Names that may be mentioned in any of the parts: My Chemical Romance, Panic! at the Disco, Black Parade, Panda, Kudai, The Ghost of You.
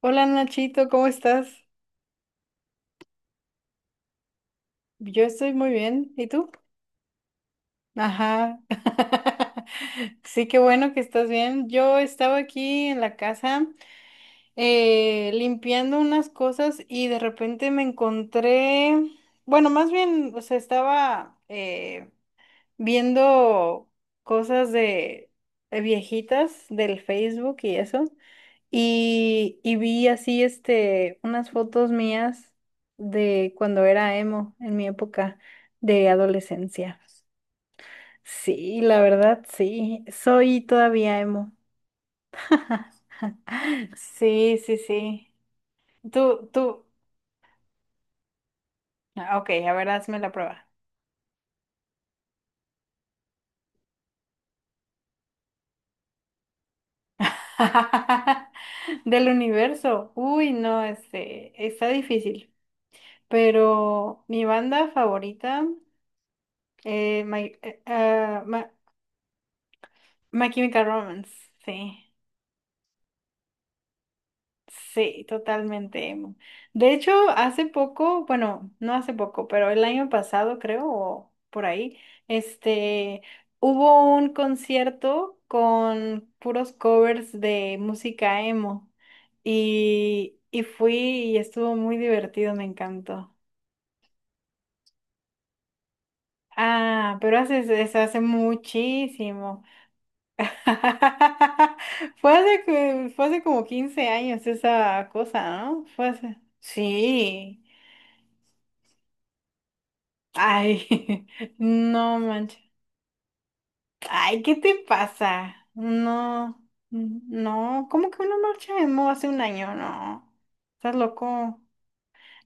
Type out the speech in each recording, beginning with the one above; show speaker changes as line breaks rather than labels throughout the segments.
Hola Nachito, ¿cómo estás? Yo estoy muy bien. ¿Y tú? Ajá. Sí, qué bueno que estás bien. Yo estaba aquí en la casa limpiando unas cosas y de repente me encontré, bueno, más bien, o sea, estaba viendo cosas de viejitas del Facebook y eso. Y vi así unas fotos mías de cuando era emo, en mi época de adolescencia. Sí, la verdad, sí. Soy todavía emo. Sí, sí, sí. Tú. Ah, ok, a ver, hazme la prueba. Del universo. Uy, no, está difícil. Pero mi banda favorita, eh, My, eh, ah, Ma- My Chemical Romance, sí. Sí, totalmente, emo. De hecho, hace poco, bueno, no hace poco, pero el año pasado creo, o por ahí, este, hubo un concierto con puros covers de música emo y fui y estuvo muy divertido, me encantó. Ah, pero hace, hace muchísimo. Fue hace, fue hace como 15 años esa cosa, ¿no? Fue hace. Sí. Ay, no manches. Ay, ¿qué te pasa? No, no, ¿cómo que una marcha emo hace un año? No, estás loco.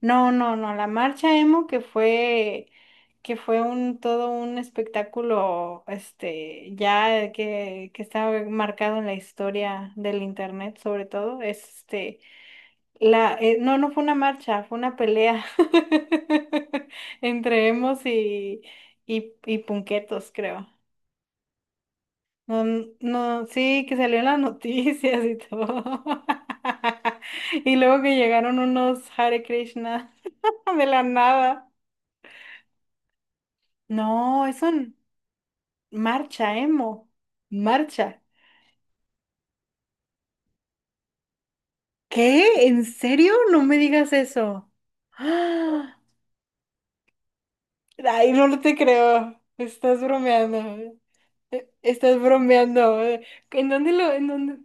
No, no, no, la marcha emo que fue, todo un espectáculo, ya que está marcado en la historia del internet, sobre todo, No, no fue una marcha, fue una pelea entre emos y, y punquetos, creo. No, no, sí, que salió en las noticias y todo. Y luego que llegaron unos Hare Krishna de la nada. No, es un marcha, emo. Marcha. ¿Qué? ¿En serio? No me digas eso. Ay, no te creo. Estás bromeando. Estás bromeando. ¿ En dónde?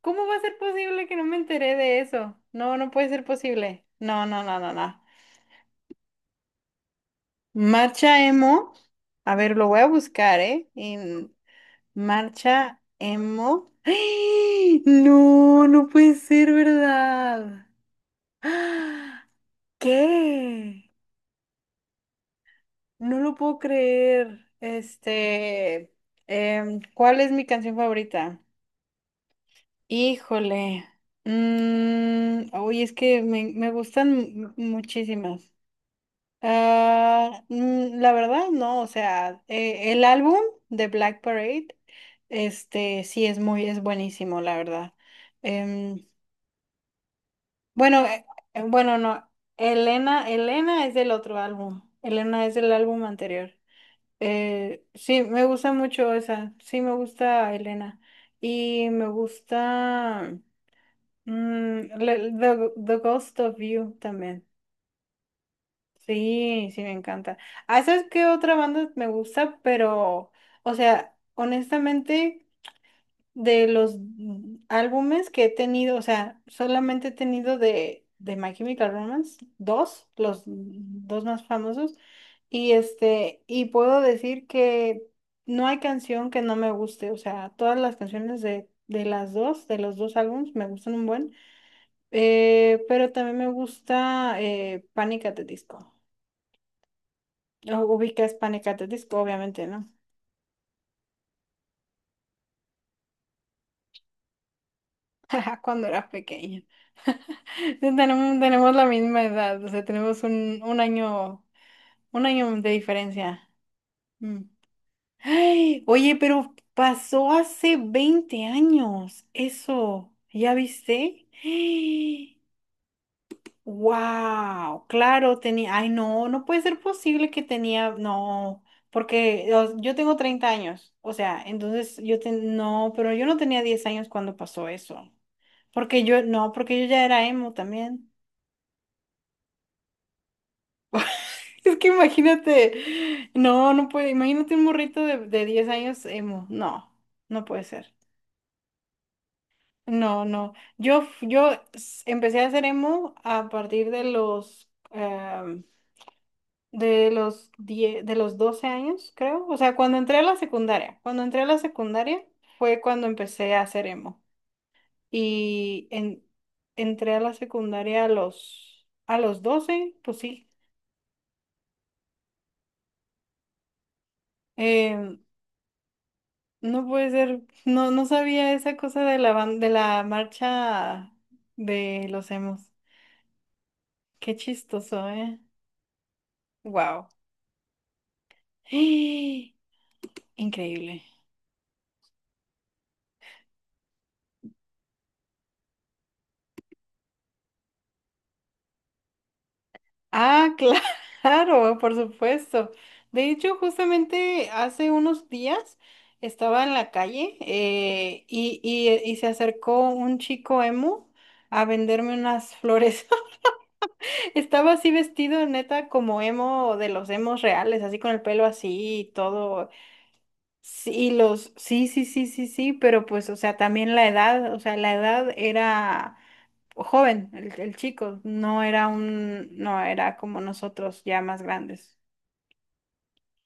¿Cómo va a ser posible que no me enteré de eso? No, no puede ser posible. No, no, no, no, no. Marcha emo. A ver, lo voy a buscar, ¿eh? En marcha emo. ¡Ay! No, no puede ser verdad. ¡Ah! ¿Qué? No lo puedo creer. ¿Cuál es mi canción favorita? Híjole. Es que me gustan muchísimas. Ah, la verdad, no, o sea, el álbum de Black Parade, sí es buenísimo, la verdad. Em, bueno, bueno, no, Elena es del otro álbum, Elena es del álbum anterior. Sí, me gusta mucho esa, sí me gusta Elena y me gusta. The Ghost of You también. Sí, sí, me encanta. Ah, ¿sabes qué otra banda me gusta? Pero, o sea, honestamente, de los álbumes que he tenido, o sea, solamente he tenido de My Chemical Romance, dos, los dos más famosos, y y puedo decir que no hay canción que no me guste, o sea, todas las canciones de de los dos álbumes, me gustan un buen. Pero también me gusta Panic! At the Disco. Ubicas Panic! At the Disco, obviamente, ¿no? Cuando eras pequeño. Tenemos la misma edad, o sea, tenemos un año, un año de diferencia. Mm. Ay, oye, pero pasó hace 20 años. Eso, ¿ya viste? Wow, claro, tenía, ay no, no puede ser posible que tenía, no, porque yo tengo 30 años, o sea, entonces no, pero yo no tenía 10 años cuando pasó eso, porque yo, no, porque yo ya era emo también. Es que imagínate, no, no puede, imagínate un morrito de 10 años emo, no, no puede ser. No, no, yo, f- yo s- empecé a hacer emo a partir de los 10, de los 12 años, creo. O sea, cuando entré a la secundaria, cuando entré a la secundaria fue cuando empecé a hacer emo. Y entré a la secundaria a los, 12 pues sí. Em, no puede ser, no, no sabía esa cosa de la marcha de los emos. Qué chistoso, ¿eh? Wow. Increíble. Ah, claro, por supuesto. De hecho, justamente hace unos días estaba en la calle y se acercó un chico emo a venderme unas flores. Estaba así vestido, neta, como emo de los emos reales, así con el pelo así y todo. Sí, sí, sí, sí, sí, sí, pero pues, o sea, también la edad, o sea, la edad era joven, el chico, no era como nosotros ya más grandes.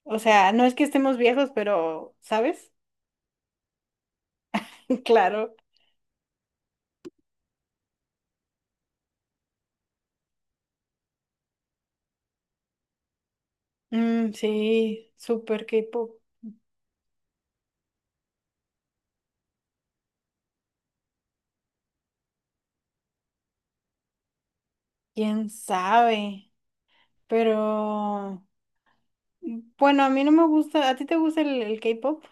O sea, no es que estemos viejos, pero, ¿sabes? Claro. Mm, sí, super K-pop, quién sabe, pero, bueno, a mí no me gusta. ¿A ti te gusta el K-pop?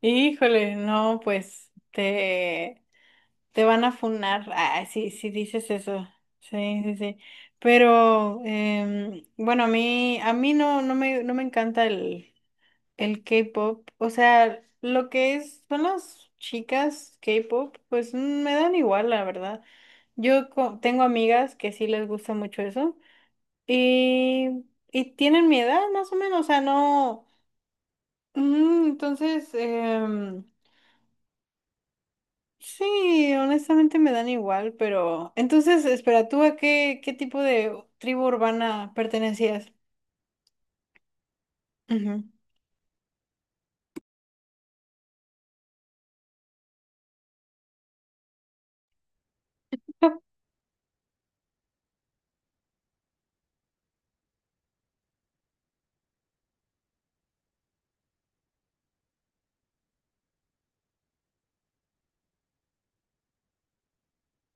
Híjole, no, pues, Te van a funar. Ah, sí, sí dices eso. Sí, sí, sí. Pero bueno, a mí no me encanta el K-pop. O sea, lo que es, son las chicas K-pop, pues me dan igual, la verdad. Yo tengo amigas que sí les gusta mucho eso. Y, y tienen mi edad, más o menos. O sea, no. Entonces, sí, honestamente me dan igual, pero entonces, espera, ¿tú qué tipo de tribu urbana pertenecías? Ujú.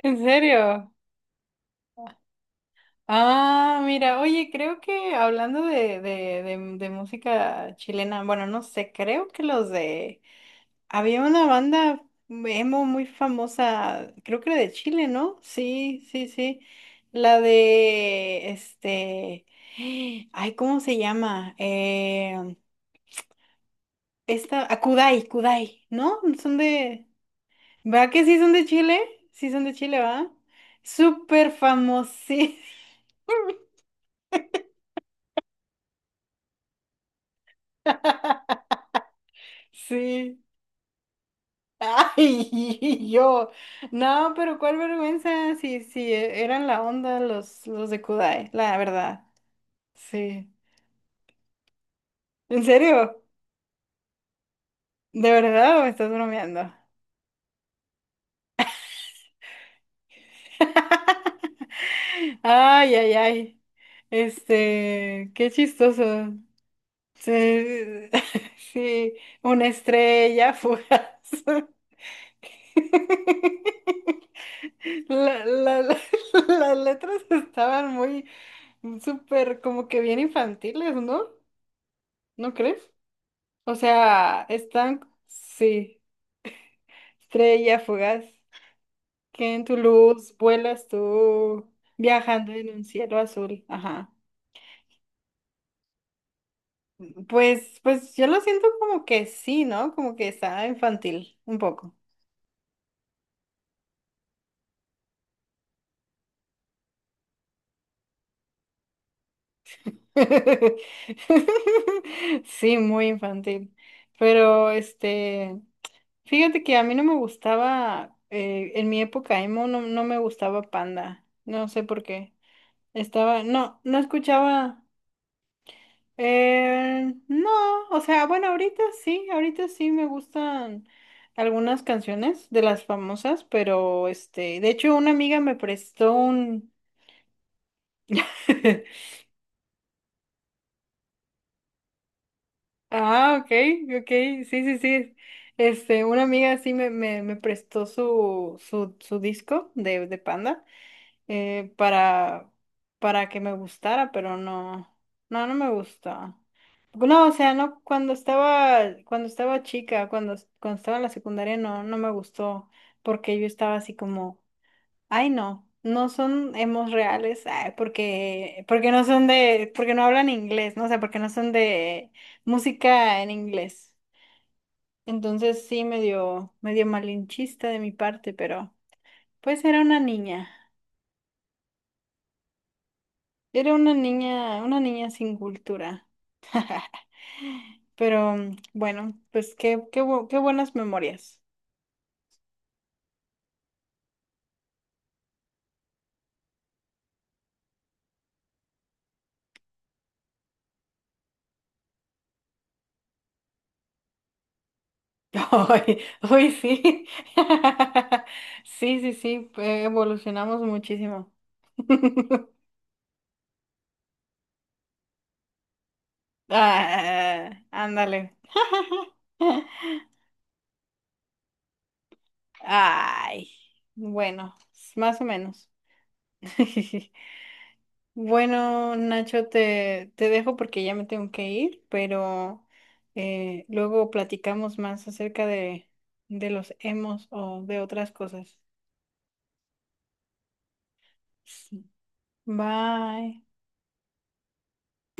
¿En serio? Ah, mira, oye, creo que hablando de música chilena, bueno, no sé, creo que los de. Había una banda emo muy famosa, creo que era de Chile, ¿no? Sí, sí, sí. La de, este... Ay, ¿cómo se llama? Esta, a Kudai, Kudai, ¿no? Son de. ¿Va que sí son de Chile? Sí son de Chile, ¿va? Súper famosos. Sí. Ay, yo. No, pero cuál vergüenza. Sí, sí, eran la onda los de Kudai, la verdad. Sí. ¿En serio? ¿De verdad o me estás bromeando? Ay, ay, ay. Qué chistoso. Sí, sí, una estrella fugaz. La- la- la- las letras estaban súper, como que bien infantiles, ¿no? ¿No crees? O sea, sí, estrella fugaz, que en tu luz vuelas tú, viajando en un cielo azul. Ajá. Pues yo lo siento como que sí, ¿no? Como que está infantil, un poco. Sí, muy infantil. Pero fíjate que a mí no me gustaba, en mi época emo no, no me gustaba Panda. No sé por qué. No, no escuchaba. No, o sea, bueno, ahorita sí me gustan algunas canciones de las famosas, pero de hecho una amiga me prestó un. Ah, ok, ok, sí, sí, sí. Una amiga sí me prestó su disco de Panda para, que me gustara, pero no, no, no me gusta. No, o sea, no, cuando estaba chica, cuando estaba en la secundaria, no, no me gustó, porque yo estaba así como. Ay, no, no son hemos reales, ay, porque no son de, porque no hablan inglés, ¿no? O sea, porque no son de música en inglés. Entonces sí, medio malinchista de mi parte, pero pues era una niña. Era una niña sin cultura. Pero bueno, pues qué buenas memorias. Hoy, hoy sí. Sí, sí, sí, evolucionamos muchísimo. Ah, ándale. Ay, bueno, más o menos. Bueno, Nacho, te dejo porque ya me tengo que ir, pero luego platicamos más acerca de los emos o de otras cosas. Sí. Bye.